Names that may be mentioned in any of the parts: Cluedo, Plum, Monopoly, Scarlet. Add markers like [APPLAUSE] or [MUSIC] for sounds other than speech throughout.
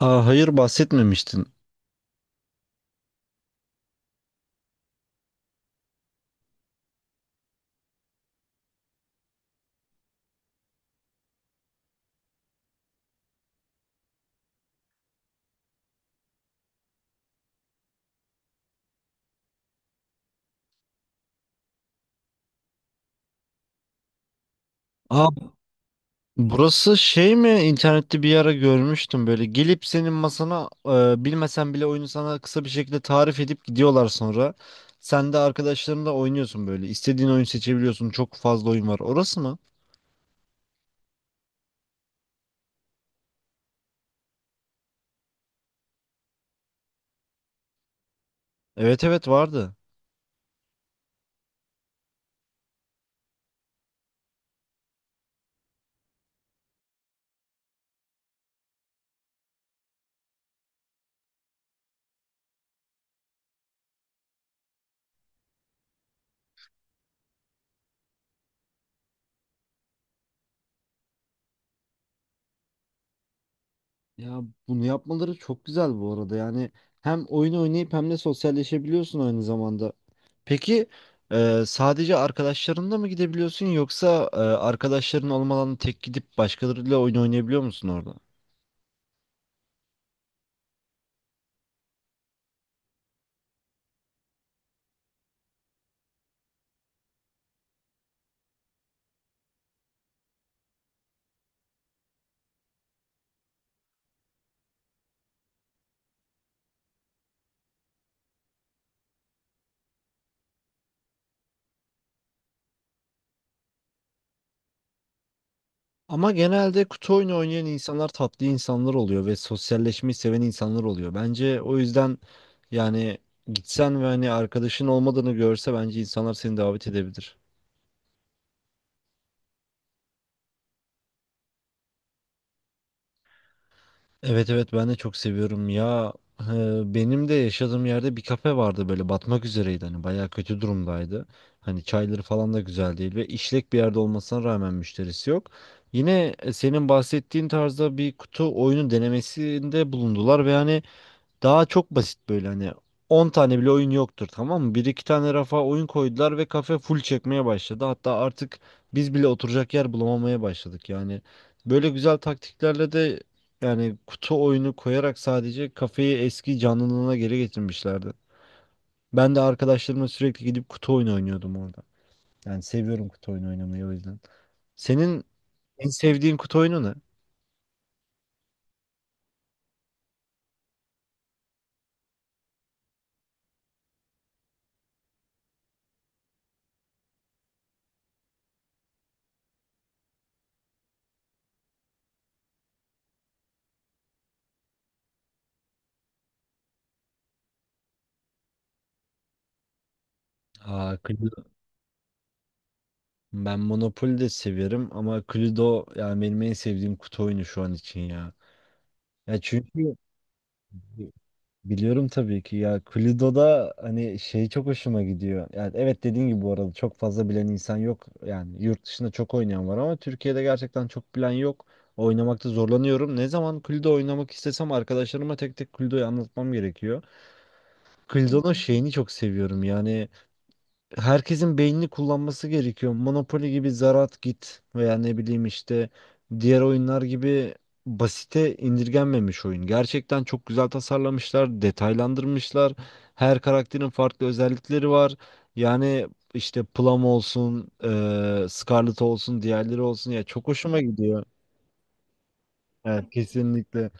Aa, hayır bahsetmemiştin. Aa, burası şey mi? İnternette bir ara görmüştüm böyle. Gelip senin masana bilmesen bile oyunu sana kısa bir şekilde tarif edip gidiyorlar sonra. Sen de arkadaşlarınla oynuyorsun böyle. İstediğin oyun seçebiliyorsun. Çok fazla oyun var. Orası mı? Evet, evet, vardı. Ya, bunu yapmaları çok güzel bu arada. Yani hem oyunu oynayıp hem de sosyalleşebiliyorsun aynı zamanda. Peki, sadece arkadaşlarınla mı gidebiliyorsun, yoksa arkadaşların olmadan tek gidip başkalarıyla oyun oynayabiliyor musun orada? Ama genelde kutu oyunu oynayan insanlar tatlı insanlar oluyor ve sosyalleşmeyi seven insanlar oluyor. Bence o yüzden, yani gitsen ve hani arkadaşın olmadığını görse bence insanlar seni davet edebilir. Evet, evet, ben de çok seviyorum ya. Benim de yaşadığım yerde bir kafe vardı, böyle batmak üzereydi, hani bayağı kötü durumdaydı. Hani çayları falan da güzel değil ve işlek bir yerde olmasına rağmen müşterisi yok. Yine senin bahsettiğin tarzda bir kutu oyunu denemesinde bulundular ve hani daha çok basit, böyle hani 10 tane bile oyun yoktur, tamam mı? Bir iki tane rafa oyun koydular ve kafe full çekmeye başladı. Hatta artık biz bile oturacak yer bulamamaya başladık. Yani böyle güzel taktiklerle de, yani kutu oyunu koyarak sadece kafeyi eski canlılığına geri getirmişlerdi. Ben de arkadaşlarımla sürekli gidip kutu oyunu oynuyordum orada. Yani seviyorum kutu oyunu oynamayı, o yüzden. Senin en sevdiğin kutu oyunu ne? Aa, ben Monopoly de severim ama Cluedo yani benim en sevdiğim kutu oyunu şu an için ya. Ya çünkü biliyorum tabii ki ya, Cluedo'da hani şey çok hoşuma gidiyor. Yani evet, dediğin gibi bu arada çok fazla bilen insan yok. Yani yurt dışında çok oynayan var ama Türkiye'de gerçekten çok bilen yok. Oynamakta zorlanıyorum. Ne zaman Cluedo oynamak istesem arkadaşlarıma tek tek Cluedo'yu anlatmam gerekiyor. Hı Cluedo'nun şeyini çok seviyorum, yani herkesin beynini kullanması gerekiyor. Monopoly gibi Zarat Git veya ne bileyim işte diğer oyunlar gibi basite indirgenmemiş oyun. Gerçekten çok güzel tasarlamışlar, detaylandırmışlar. Her karakterin farklı özellikleri var. Yani işte Plum olsun, Scarlet olsun, diğerleri olsun ya, çok hoşuma gidiyor. Evet, kesinlikle.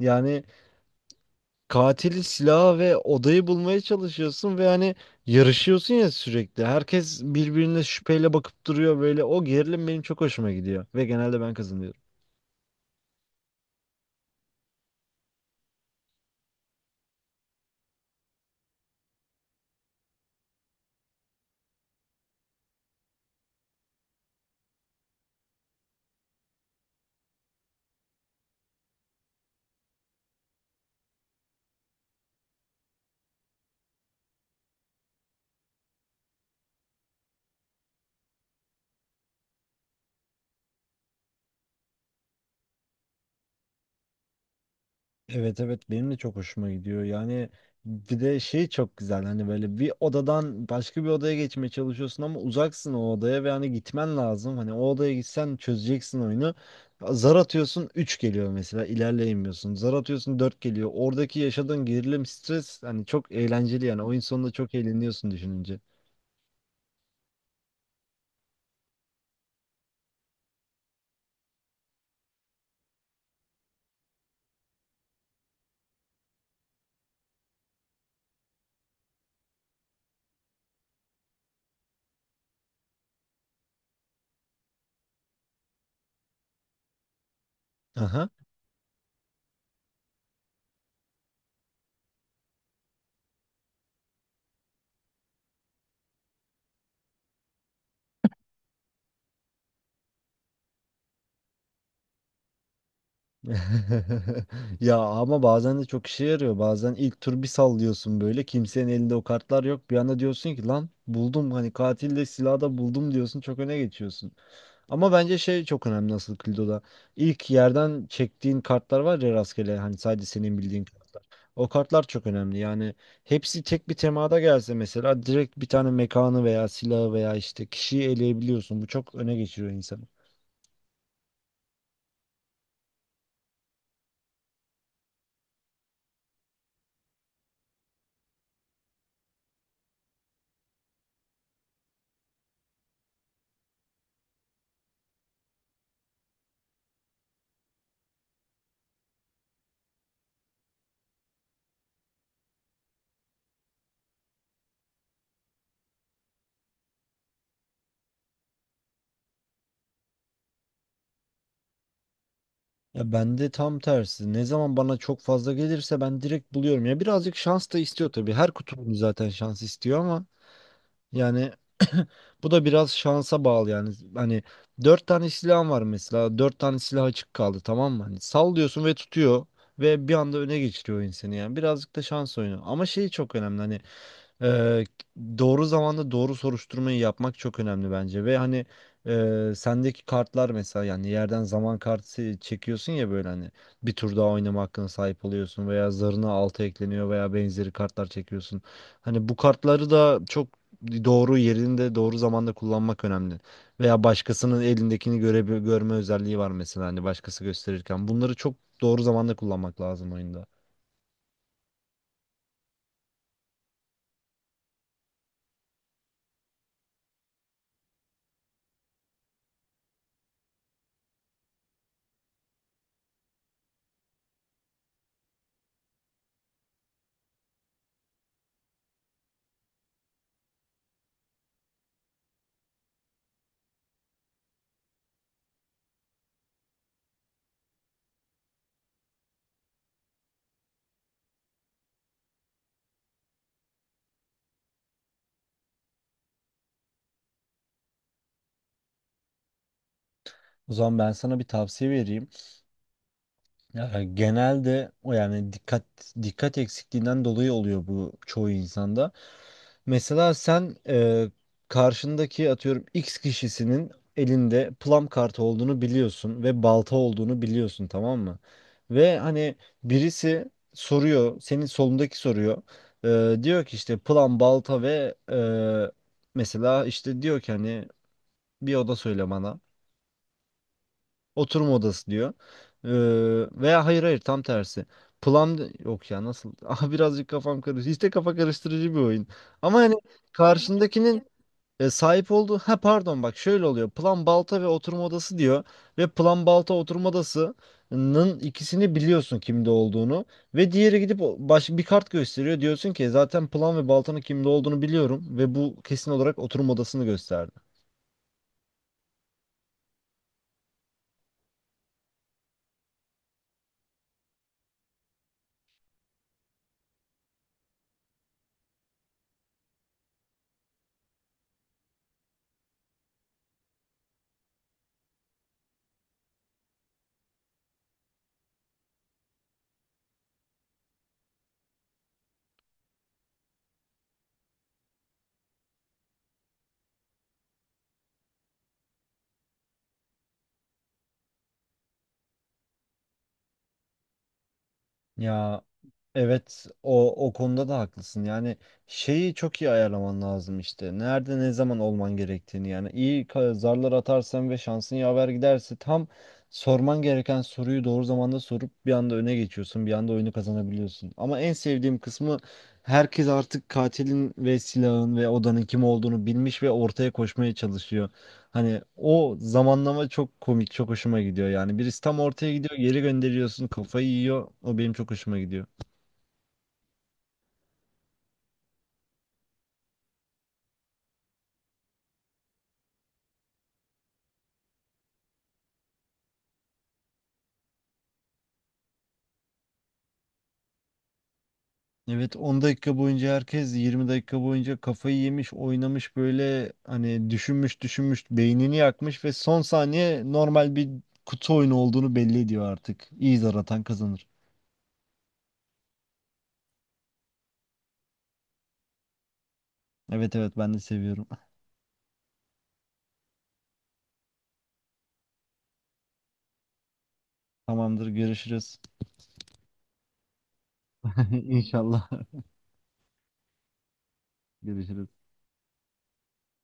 Yani katili, silahı ve odayı bulmaya çalışıyorsun ve hani yarışıyorsun ya sürekli. Herkes birbirine şüpheyle bakıp duruyor böyle. O gerilim benim çok hoşuma gidiyor ve genelde ben kazanıyorum. Evet, evet, benim de çok hoşuma gidiyor. Yani bir de şey çok güzel, hani böyle bir odadan başka bir odaya geçmeye çalışıyorsun ama uzaksın o odaya ve hani gitmen lazım. Hani o odaya gitsen çözeceksin oyunu. Zar atıyorsun, 3 geliyor mesela, ilerleyemiyorsun. Zar atıyorsun, 4 geliyor. Oradaki yaşadığın gerilim, stres, hani çok eğlenceli, yani oyun sonunda çok eğleniyorsun düşününce. Aha. [LAUGHS] Ya ama bazen de çok işe yarıyor. Bazen ilk tur bir sallıyorsun böyle. Kimsenin elinde o kartlar yok. Bir anda diyorsun ki, lan buldum, hani katil de silahı da buldum diyorsun. Çok öne geçiyorsun. Ama bence şey çok önemli, nasıl Kildo'da. İlk yerden çektiğin kartlar var ya, rastgele, hani sadece senin bildiğin kartlar. O kartlar çok önemli. Yani hepsi tek bir temada gelse mesela direkt bir tane mekanı veya silahı veya işte kişiyi eleyebiliyorsun. Bu çok öne geçiriyor insanı. Ya bende tam tersi. Ne zaman bana çok fazla gelirse ben direkt buluyorum. Ya birazcık şans da istiyor tabii. Her kutucu zaten şans istiyor ama yani bu da biraz şansa bağlı yani. Hani dört tane silahın var mesela. Dört tane silah açık kaldı, tamam mı? Hani sallıyorsun ve tutuyor ve bir anda öne geçiriyor insanı yani. Birazcık da şans oyunu. Ama şey çok önemli, hani ee, doğru zamanda doğru soruşturmayı yapmak çok önemli bence ve hani sendeki kartlar mesela, yani yerden zaman kartı çekiyorsun ya, böyle hani bir tur daha oynama hakkına sahip oluyorsun veya zarına altı ekleniyor veya benzeri kartlar çekiyorsun. Hani bu kartları da çok doğru yerinde, doğru zamanda kullanmak önemli. Veya başkasının elindekini görme özelliği var mesela, hani başkası gösterirken bunları çok doğru zamanda kullanmak lazım oyunda. O zaman ben sana bir tavsiye vereyim. Ya genelde o, yani dikkat eksikliğinden dolayı oluyor bu çoğu insanda. Mesela sen, karşındaki atıyorum X kişisinin elinde Plum kartı olduğunu biliyorsun ve balta olduğunu biliyorsun, tamam mı? Ve hani birisi soruyor, senin solundaki soruyor. E, diyor ki işte Plum, balta ve mesela işte diyor ki hani bir oda söyle bana. Oturma odası diyor. Veya hayır, hayır, tam tersi. Plan yok ya, nasıl? [LAUGHS] Ah, birazcık kafam karıştı. İşte kafa karıştırıcı bir oyun. Ama hani karşındakinin sahip olduğu, ha pardon, bak şöyle oluyor. Plan, balta ve oturma odası diyor ve plan, balta, oturma odasının ikisini biliyorsun kimde olduğunu ve diğeri gidip baş bir kart gösteriyor. Diyorsun ki zaten plan ve baltanın kimde olduğunu biliyorum ve bu kesin olarak oturma odasını gösterdi. Ya, evet, o konuda da haklısın. Yani şeyi çok iyi ayarlaman lazım işte. Nerede ne zaman olman gerektiğini, yani iyi zarlar atarsan ve şansın yaver giderse tam sorman gereken soruyu doğru zamanda sorup bir anda öne geçiyorsun. Bir anda oyunu kazanabiliyorsun. Ama en sevdiğim kısmı, herkes artık katilin ve silahın ve odanın kim olduğunu bilmiş ve ortaya koşmaya çalışıyor. Hani o zamanlama çok komik, çok hoşuma gidiyor yani. Birisi tam ortaya gidiyor, geri gönderiyorsun, kafayı yiyor. O benim çok hoşuma gidiyor. Evet, 10 dakika boyunca herkes 20 dakika boyunca kafayı yemiş, oynamış, böyle hani düşünmüş düşünmüş, beynini yakmış ve son saniye normal bir kutu oyunu olduğunu belli ediyor artık. İyi zar atan kazanır. Evet, evet, ben de seviyorum. [LAUGHS] Tamamdır, görüşürüz. [LAUGHS] İnşallah, görüşürüz.